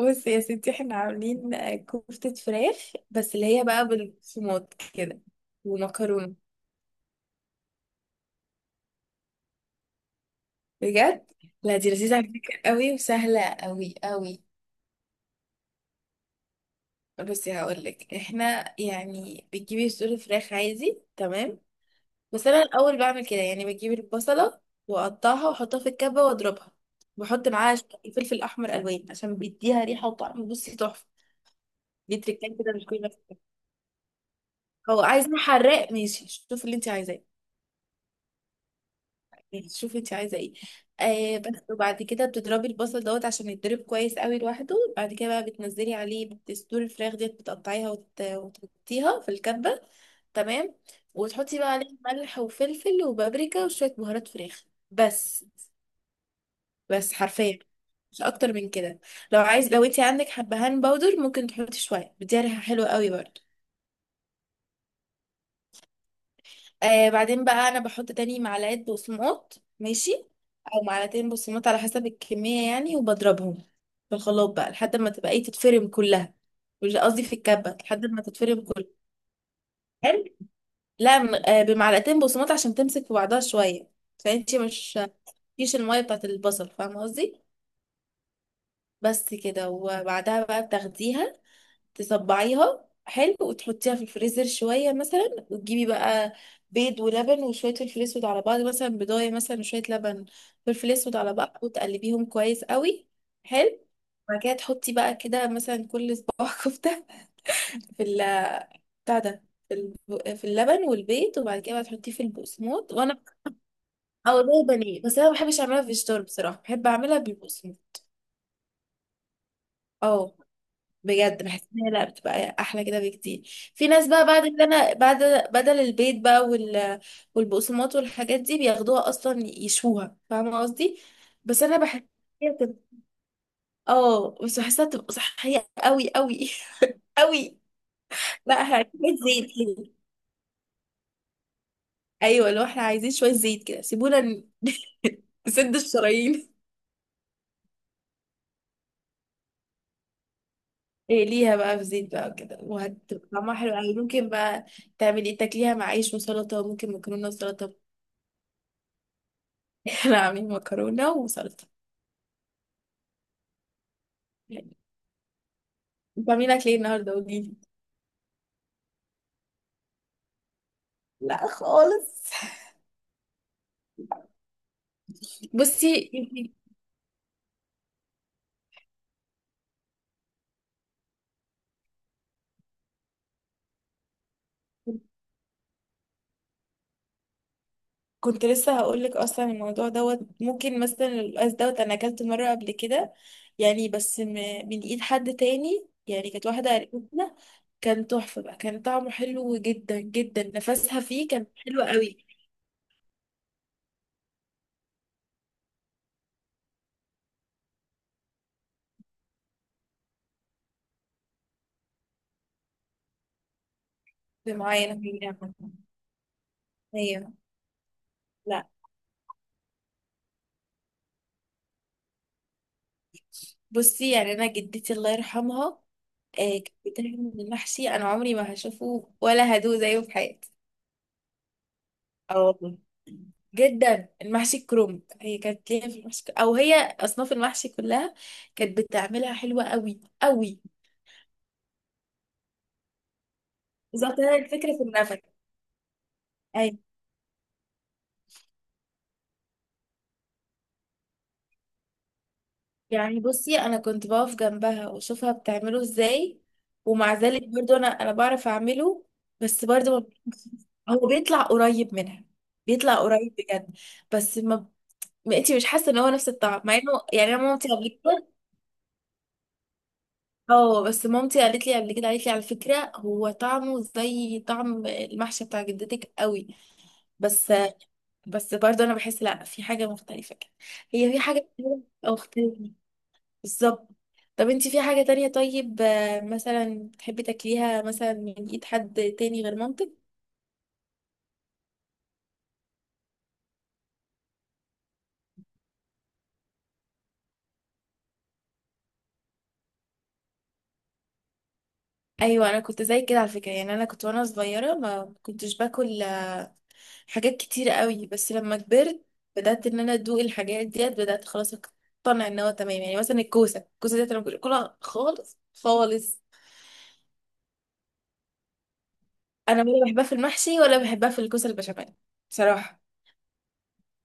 بصي يا ستي، احنا عاملين كفتة فراخ، بس اللي هي بقى بالصومات كده، ومكرونة. بجد. لا دي لذيذة على فكرة قوي، وسهلة قوي قوي. بصي هقولك، احنا يعني بتجيبي صدور فراخ عادي، تمام. بس انا الاول بعمل كده، يعني بجيب البصلة واقطعها واحطها في الكبة واضربها. بحط معاها شوية فلفل احمر الوان عشان بيديها ريحة وطعم، بصي تحفة. دي تريكات كده، مش كل الناس بتعملها. هو عايزة حراق؟ ماشي، شوف اللي انت عايزاه. شوفي انت عايزه ايه. آه بس، وبعد كده بتضربي البصل دوت عشان يتضرب كويس قوي لوحده، بعد كده بقى بتنزلي عليه بتصدور الفراخ ديت، بتقطعيها وتحطيها في الكبه. تمام. وتحطي بقى عليه ملح وفلفل وبابريكا وشويه بهارات فراخ، بس بس حرفيا، مش اكتر من كده. لو انت عندك حبهان باودر، ممكن تحطي شويه، بتدي ريحه حلوه قوي برضه. آه بعدين بقى انا بحط تاني معلقه بقسماط، ماشي. او معلقتين بقسماط على حسب الكميه يعني، وبضربهم في الخلاط بقى لحد ما تبقى ايه، تتفرم كلها. مش قصدي، في الكبه لحد ما تتفرم كلها. حلو. لا، بمعلقتين بقسماط عشان تمسك في بعضها شويه. فانتي مش فيش الميه بتاعت البصل، فاهمه قصدي. بس كده، وبعدها بقى بتاخديها، تصبعيها حلو وتحطيها في الفريزر شوية مثلا، وتجيبي بقى بيض ولبن وشوية فلفل اسود على بعض، مثلا بيضاية مثلا وشوية لبن، فلفل اسود على بعض، وتقلبيهم كويس قوي. حلو. بعد كده تحطي بقى كده مثلا كل صباع كفتة في ال بتاع ده، في اللبن والبيض، وبعد كده بقى تحطيه في البقسماط وانا، او زي بانيه. بس انا ما بحبش اعملها في الشطار، بصراحة بحب اعملها بالبقسماط. اه، بجد بحس ان هي لا بتبقى احلى كده بكتير. في ناس بقى بعد كده، انا بعد بدل البيض بقى والبقسماط والحاجات دي بياخدوها اصلا يشوها، فاهمه قصدي. بس انا بحس إن هي بتبقى، اه بس بحسها بتبقى صحيه قوي قوي. قوي. لا، احنا عايزين شويه زيت كده. ايوه، لو احنا عايزين شويه زيت كده سيبونا نسد الشرايين. إيه ليها بقى في زيت بقى كده، وهتبقى طعمها حلو قوي. ممكن بقى تعملي تاكليها مع عيش وسلطه، وممكن مكرونه وسلطه. كانوا عاملين مكرونة وسلطة. بعمل لك ليه النهاردة، قوليلي. لا خالص. بصي انتي، كنت لسه هقول لك اصلا الموضوع دوت ممكن، مثلا القلقاس دوت انا اكلته مره قبل كده، يعني بس من ايد حد تاني، يعني كانت واحده قريبتنا، كان تحفه بقى، كان طعمه حلو جدا جدا، نفسها فيه، كان حلو قوي. اللي معايا انا في الجامعه. ايوه. لا، بصي يعني انا جدتي الله يرحمها، كان بيتعمل من المحشي انا عمري ما هشوفه ولا هدوه زيه في حياتي. اه والله، جدا. المحشي الكرنب، هي كانت ليها في المحشي، او هي اصناف المحشي كلها كانت بتعملها حلوه قوي قوي. بالظبط، هي الفكره في النفق. اي. يعني بصي، انا كنت بقف جنبها واشوفها بتعمله ازاي، ومع ذلك برضو انا بعرف اعمله. بس برضو هو بيطلع قريب منها، بيطلع قريب بجد. بس ما ما انتي مش حاسه ان هو نفس الطعم، مع انه يعني انا مامتي قبل كده. اه بس مامتي قالت لي قبل كده، قالت لي على فكره، هو طعمه زي طعم المحشي بتاع جدتك قوي. بس. بس برضه انا بحس لا، في حاجه مختلفه كده، هي في حاجه مختلفه. بالظبط. طب انتي في حاجه تانية طيب، مثلا تحبي تاكليها مثلا من ايد حد تاني غير مامتك؟ ايوه، انا كنت زي كده على فكره. يعني انا كنت وانا صغيره ما كنتش باكل حاجات كتيرة قوي، بس لما كبرت بدأت ان انا ادوق الحاجات ديت، بدأت خلاص اقتنع ان هو تمام. يعني مثلا الكوسة، الكوسة ديت انا ما كنتش باكلها خالص خالص. انا ولا بحبها في المحشي ولا بحبها في الكوسة البشاميل، بصراحة،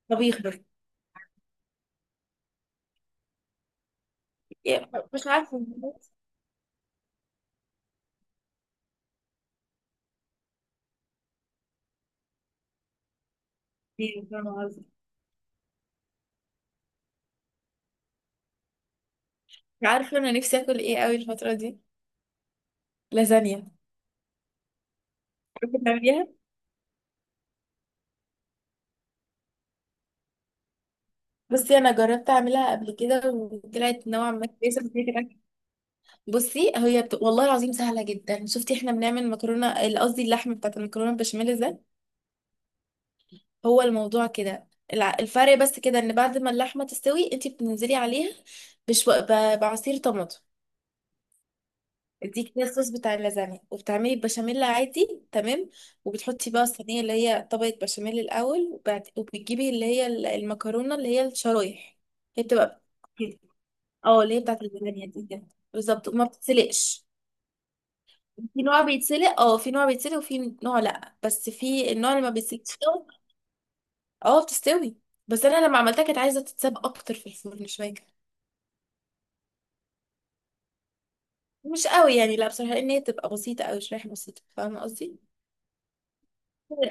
طبيخ بس، يعني مش عارفة. إيه، فاهمة قصدي. مش عارفة انا نفسي اكل ايه قوي الفترة دي. لازانيا. بتعمليها. بصي انا جربت اعملها قبل كده وطلعت نوعا ما كويسة، بس هي كانت. بصي والله العظيم سهله جدا. شفتي احنا بنعمل مكرونه قصدي اللحم بتاعت المكرونه البشاميل ده، هو الموضوع كده. الفرق بس كده، ان بعد ما اللحمه تستوي، انت بتنزلي عليها بشو... ب... بعصير طماطم، دي كده الصوص بتاع اللازانيا، وبتعملي البشاميل عادي تمام، وبتحطي بقى الصينيه اللي هي طبقه بشاميل الاول، وبتجيبي اللي هي المكرونه اللي هي الشرايح. هي بتبقى، اه اللي هي بتاعت اللازانيا دي كده. بالظبط، وما بتتسلقش. في نوع بيتسلق، في نوع بيتسلق وفي نوع لا، بس في النوع اللي ما بيتسلقش قوي. اه، بتستوي. بس انا لما عملتها كانت عايزه تتساب اكتر في الفرن شويه كده. مش قوي يعني، لا بصراحه ان هي تبقى بسيطه، او شريحه بسيطه، فاهمه قصدي.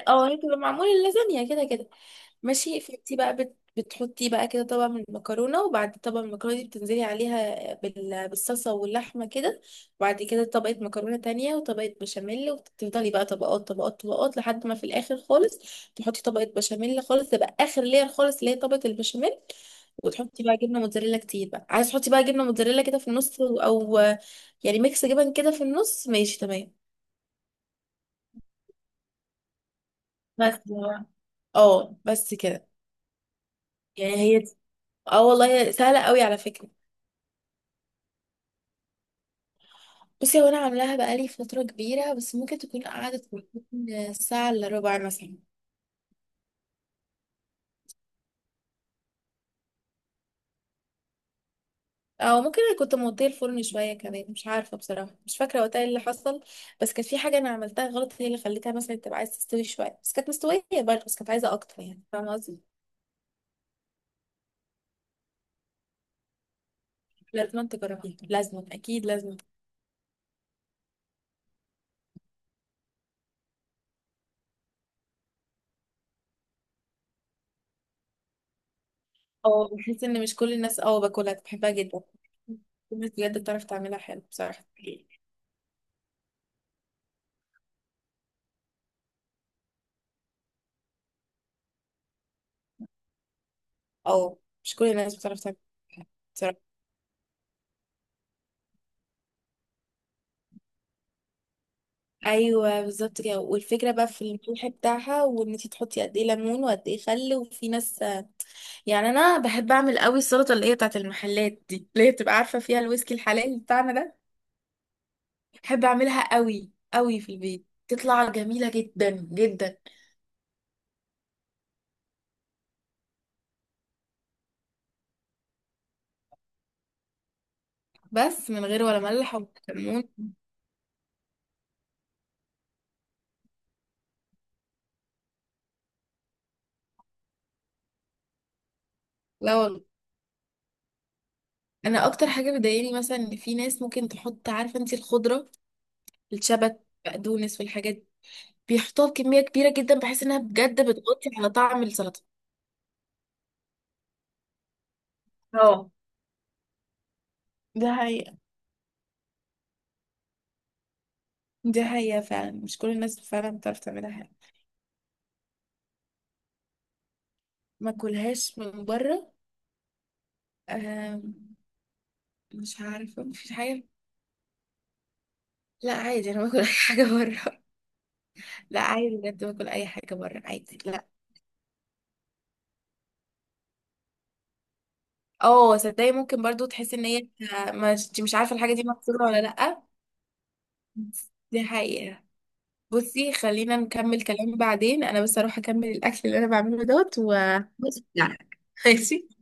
اه، هي تبقى معمول اللازانيا كده كده. ماشي، فانتي بقى بتحطي بقى كده طبق من المكرونه، وبعد طبق المكرونه دي بتنزلي عليها بالصلصه واللحمه كده، وبعد كده طبقه مكرونه تانية وطبقه بشاميل، وتفضلي بقى طبقات طبقات طبقات، لحد ما في الاخر خالص تحطي طبقه بشاميل خالص، تبقى اخر لير خالص، اللي هي طبقه البشاميل، وتحطي بقى جبنه موتزاريلا كتير بقى، عايز تحطي بقى جبنه موتزاريلا كده في النص، او يعني ميكس جبن كده في النص، ماشي تمام. بس. اه بس كده. يعني هي، اه والله سهله قوي على فكره. بصي، هو انا عاملاها بقالي فترة كبيرة، بس ممكن تكون قعدت من ساعة الا ربع مثلا. او ممكن انا كنت موطيه الفرن شوية كمان، مش عارفة بصراحة، مش فاكرة وقتها إيه اللي حصل. بس كانت في حاجة انا عملتها غلط، هي اللي خليتها مثلا تبقى عايزة تستوي شوية، بس كانت مستوية برضه، بس كانت عايزة اكتر يعني، فاهمة قصدي. لازم تجربيها، لازم اكيد لازم. اه بحس ان مش كل الناس باكلها، بحبها جدا. الناس بجد بتعرف تعملها حلو، بصراحة. اه، مش كل الناس بتعرف تعملها. ايوه بالظبط كده، والفكره بقى في الريحه بتاعها، وان انت تحطي قد ايه ليمون وقد ايه خل، وفي ناس يعني. انا بحب اعمل قوي السلطه اللي هي بتاعت المحلات دي، اللي هي بتبقى عارفه فيها الويسكي الحلال بتاعنا ده. بحب اعملها قوي قوي في البيت، تطلع جميله جدا جدا. بس من غير ولا ملح ولا كمون. لا والله، انا اكتر حاجه بتضايقني مثلا ان في ناس ممكن تحط، عارفه انت الخضره الشبت بقدونس والحاجات دي، بيحطوها بكميه كبيره جدا، بحيث انها بجد بتغطي على طعم السلطه. اه. دي حقيقة. دي حقيقة فعلا، مش كل الناس فعلا بتعرف تعملها حاجة. ما اكلهاش من بره. آم، مش عارفة، مفيش حاجة. لا عادي، انا باكل اي حاجة بره. لا عادي بجد، باكل اي حاجة بره عادي، لا. اه صدقني، ممكن برضو تحس ان هي مش عارفة، الحاجة دي مكسورة ولا لا. دي حقيقة. بصي خلينا نكمل كلام بعدين، انا بس اروح اكمل الاكل اللي انا بعمله دوت و. بص، لا ماشي.